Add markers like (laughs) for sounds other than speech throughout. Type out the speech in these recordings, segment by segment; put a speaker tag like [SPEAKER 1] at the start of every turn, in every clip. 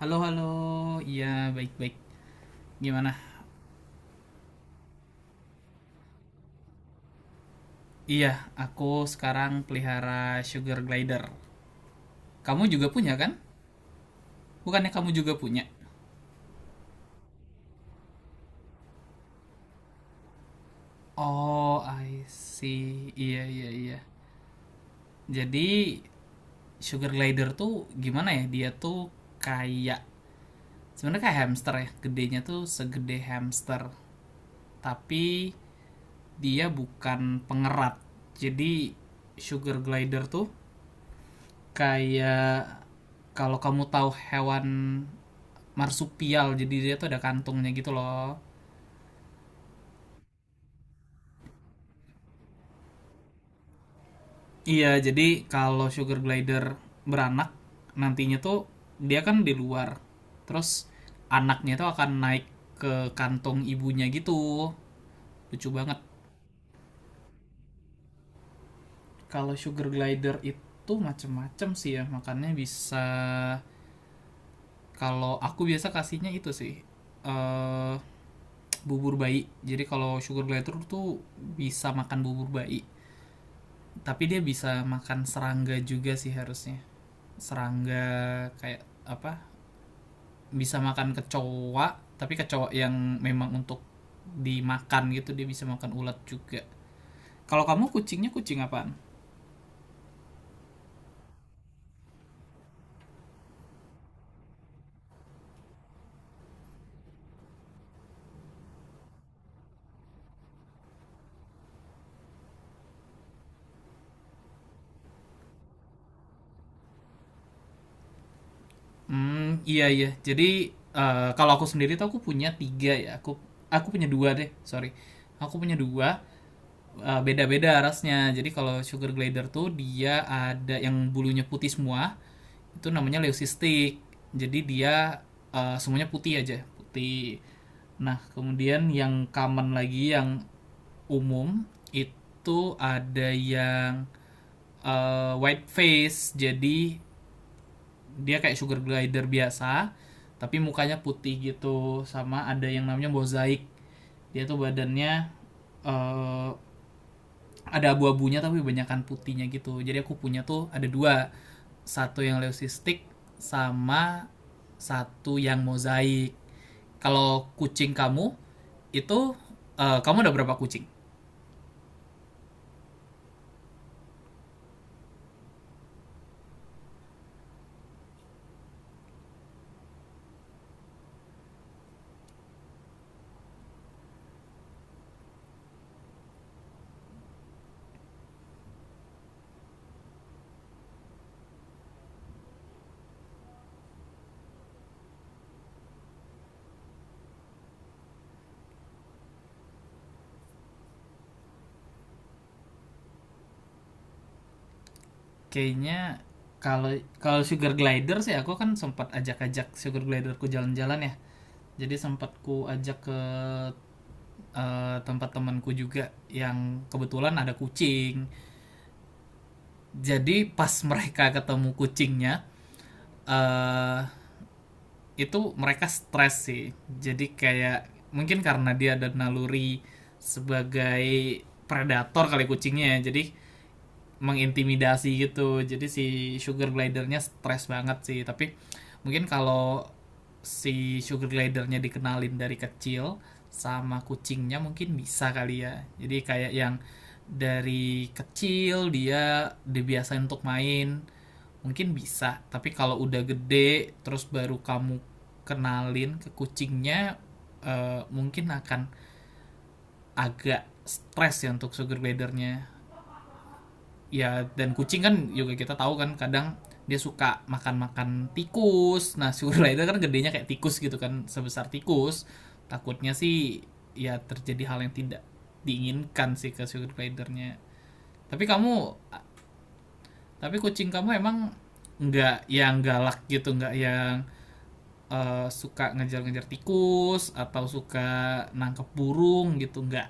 [SPEAKER 1] Halo, halo. Iya, baik-baik. Gimana? Iya, aku sekarang pelihara sugar glider. Kamu juga punya kan? Bukannya kamu juga punya? Oh, I see. Iya, iya, iya. Jadi, sugar glider tuh gimana ya? Dia tuh kayak sebenarnya kayak hamster ya. Gedenya tuh segede hamster, tapi dia bukan pengerat. Jadi, sugar glider tuh kayak kalau kamu tahu hewan marsupial, jadi dia tuh ada kantungnya gitu loh. Iya, jadi kalau sugar glider beranak, nantinya tuh dia kan di luar, terus anaknya tuh akan naik ke kantung ibunya gitu. Lucu banget. Kalau sugar glider itu macem-macem sih ya makannya. Bisa, kalau aku biasa kasihnya itu sih eh bubur bayi. Jadi kalau sugar glider tuh bisa makan bubur bayi, tapi dia bisa makan serangga juga sih harusnya. Serangga kayak apa? Bisa makan kecoa, tapi kecoa yang memang untuk dimakan gitu. Dia bisa makan ulat juga. Kalau kamu kucingnya kucing apaan? Hmm, iya iya. Jadi kalau aku sendiri tuh aku punya tiga ya. Aku punya dua deh, sorry. Aku punya dua. Beda-beda rasnya. Jadi kalau sugar glider tuh dia ada yang bulunya putih semua, itu namanya leucistic. Jadi dia semuanya putih aja, putih. Nah, kemudian yang common lagi yang umum itu ada yang white face. Jadi dia kayak sugar glider biasa, tapi mukanya putih gitu. Sama ada yang namanya mozaik. Dia tuh badannya eh, ada abu-abunya tapi kebanyakan putihnya gitu. Jadi aku punya tuh ada dua, satu yang leucistik sama satu yang mozaik. Kalau kucing kamu itu, kamu udah berapa kucing? Kayaknya kalau kalau sugar glider sih aku kan sempat ajak-ajak sugar gliderku jalan-jalan ya. Jadi sempat ku ajak ke tempat temanku juga yang kebetulan ada kucing. Jadi pas mereka ketemu kucingnya, eh itu mereka stres sih. Jadi kayak mungkin karena dia ada naluri sebagai predator kali kucingnya ya. Jadi mengintimidasi gitu. Jadi si sugar glidernya stres banget sih. Tapi mungkin kalau si sugar glidernya dikenalin dari kecil sama kucingnya mungkin bisa kali ya. Jadi kayak yang dari kecil dia dibiasain untuk main. Mungkin bisa, tapi kalau udah gede terus baru kamu kenalin ke kucingnya, mungkin akan agak stres ya untuk sugar glidernya. Ya, dan kucing kan juga kita tahu kan, kadang dia suka makan-makan tikus. Nah, (laughs) sugar glider kan gedenya kayak tikus gitu kan, sebesar tikus. Takutnya sih ya terjadi hal yang tidak diinginkan sih ke sugar glidernya. Tapi kamu tapi kucing kamu emang nggak yang galak gitu, nggak yang suka ngejar-ngejar tikus atau suka nangkep burung gitu, enggak?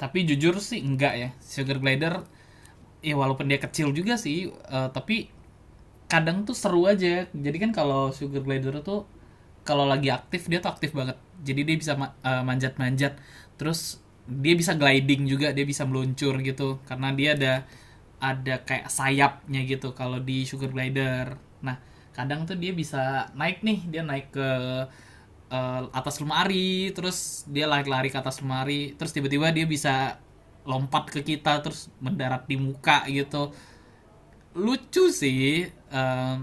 [SPEAKER 1] Tapi jujur sih enggak ya, sugar glider ya walaupun dia kecil juga sih, tapi kadang tuh seru aja. Jadi kan kalau sugar glider tuh kalau lagi aktif, dia tuh aktif banget. Jadi dia bisa manjat-manjat, terus dia bisa gliding juga, dia bisa meluncur gitu karena dia ada kayak sayapnya gitu kalau di sugar glider. Nah, kadang tuh dia bisa naik nih, dia naik ke atas lemari, terus dia lari-lari ke atas lemari, terus tiba-tiba dia bisa lompat ke kita, terus mendarat di muka gitu. Lucu sih.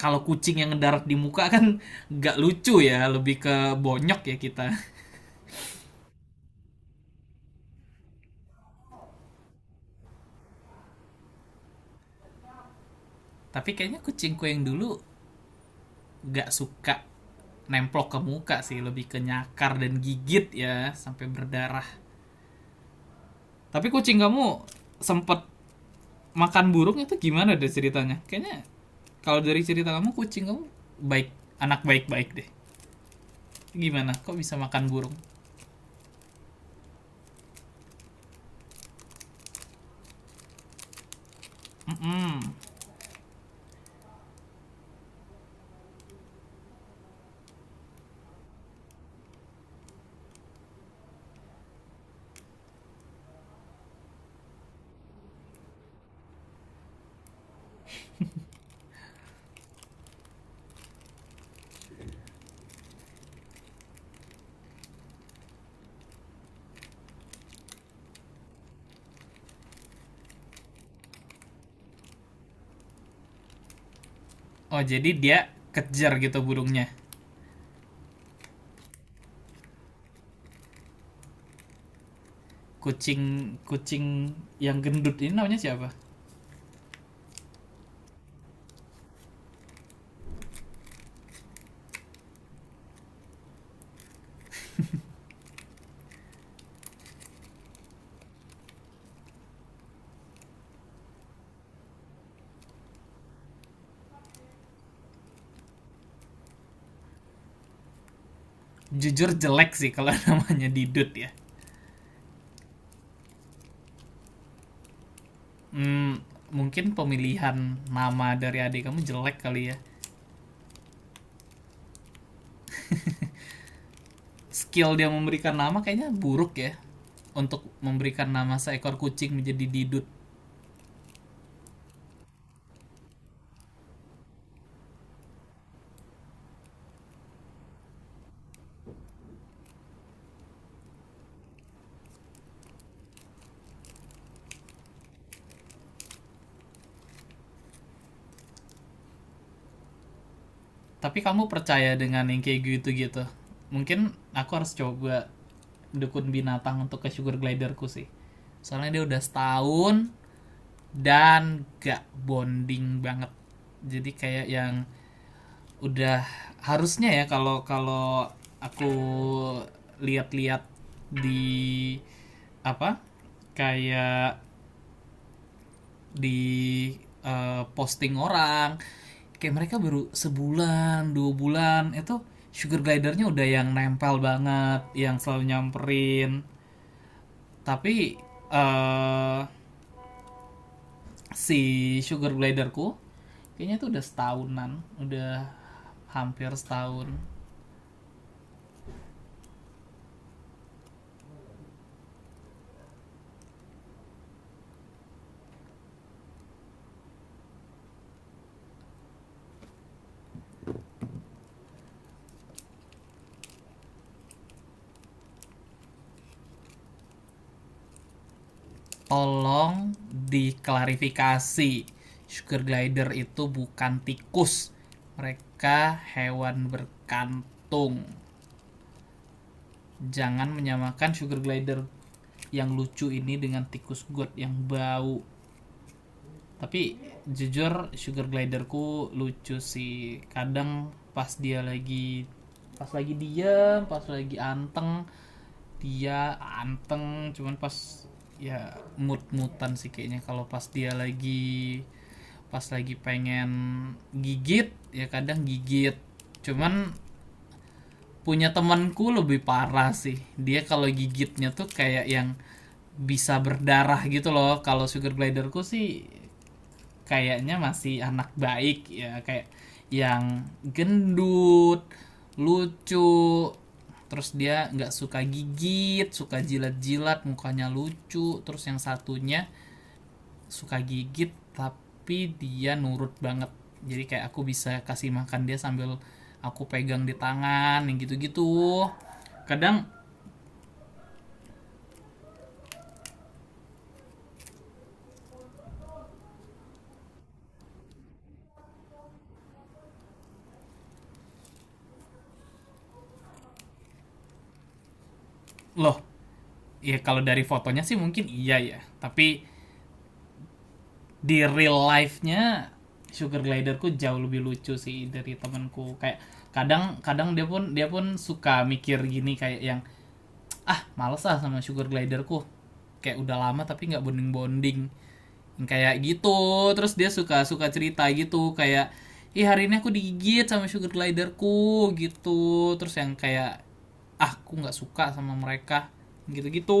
[SPEAKER 1] Kalau kucing yang mendarat di muka kan (laughs) nggak lucu ya, lebih ke bonyok ya kita. (laughs) Tapi kayaknya kucingku yang dulu nggak suka nemplok ke muka sih, lebih ke nyakar dan gigit ya sampai berdarah. Tapi kucing kamu sempet makan burung itu, gimana deh ceritanya? Kayaknya kalau dari cerita kamu, kucing kamu baik, anak baik-baik deh. Gimana? Kok bisa makan burung? Mm-mm. Oh, jadi dia kejar gitu burungnya. Kucing kucing yang gendut ini namanya siapa? Jujur jelek sih kalau (laughs) namanya Didut ya. Hmm, mungkin pemilihan nama dari adik kamu jelek kali ya. Skill dia memberikan nama kayaknya buruk ya. Untuk memberikan nama seekor kucing menjadi Didut. Tapi kamu percaya dengan yang kayak gitu gitu? Mungkin aku harus coba dukun binatang untuk ke sugar gliderku sih. Soalnya dia udah setahun dan gak bonding banget. Jadi kayak yang udah harusnya ya, kalau kalau aku lihat-lihat di apa, kayak di posting orang, kayak mereka baru sebulan dua bulan itu sugar glidernya udah yang nempel banget, yang selalu nyamperin. Tapi eh si sugar gliderku kayaknya itu udah setahunan, udah hampir setahun. Tolong diklarifikasi, sugar glider itu bukan tikus, mereka hewan berkantung. Jangan menyamakan sugar glider yang lucu ini dengan tikus god yang bau. Tapi jujur sugar gliderku lucu sih. Kadang pas lagi diam, pas lagi anteng, dia anteng. Cuman pas, ya mut-mutan sih kayaknya kalau pas lagi pengen gigit ya kadang gigit. Cuman punya temanku lebih parah sih, dia kalau gigitnya tuh kayak yang bisa berdarah gitu loh. Kalau sugar gliderku sih kayaknya masih anak baik ya, kayak yang gendut, lucu, terus dia nggak suka gigit, suka jilat-jilat mukanya, lucu. Terus yang satunya suka gigit tapi dia nurut banget, jadi kayak aku bisa kasih makan dia sambil aku pegang di tangan yang gitu-gitu kadang. Loh ya, kalau dari fotonya sih mungkin iya ya, tapi di real life-nya sugar gliderku jauh lebih lucu sih dari temanku. Kayak kadang kadang dia pun suka mikir gini kayak yang, ah males ah sama sugar gliderku, kayak udah lama tapi nggak bonding bonding, kayak gitu. Terus dia suka suka cerita gitu kayak, ih hari ini aku digigit sama sugar gliderku, gitu. Terus yang kayak, ah aku nggak suka sama mereka, gitu-gitu.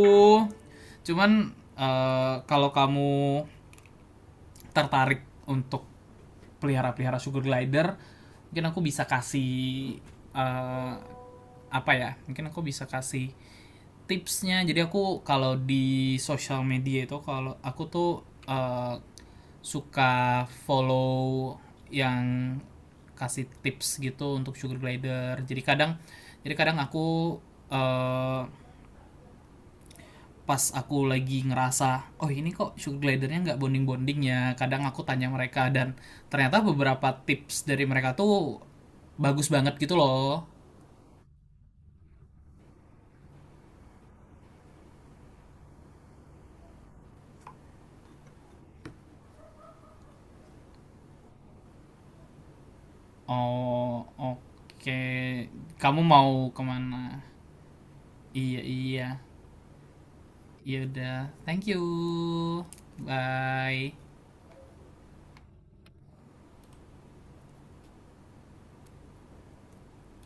[SPEAKER 1] Cuman kalau kamu tertarik untuk pelihara-pelihara sugar glider, mungkin aku bisa kasih eh, apa ya, mungkin aku bisa kasih tipsnya. Jadi aku kalau di sosial media itu, kalau aku tuh eh, suka follow yang kasih tips gitu untuk sugar glider. Jadi kadang, aku eh, pas aku lagi ngerasa oh ini kok sugar glidernya nggak bonding bonding ya, kadang aku tanya mereka, dan ternyata beberapa tips dari mereka tuh bagus banget gitu loh. Oh, oke. Okay. Kamu mau kemana? Iya, iya. Ya udah. Thank you. Bye.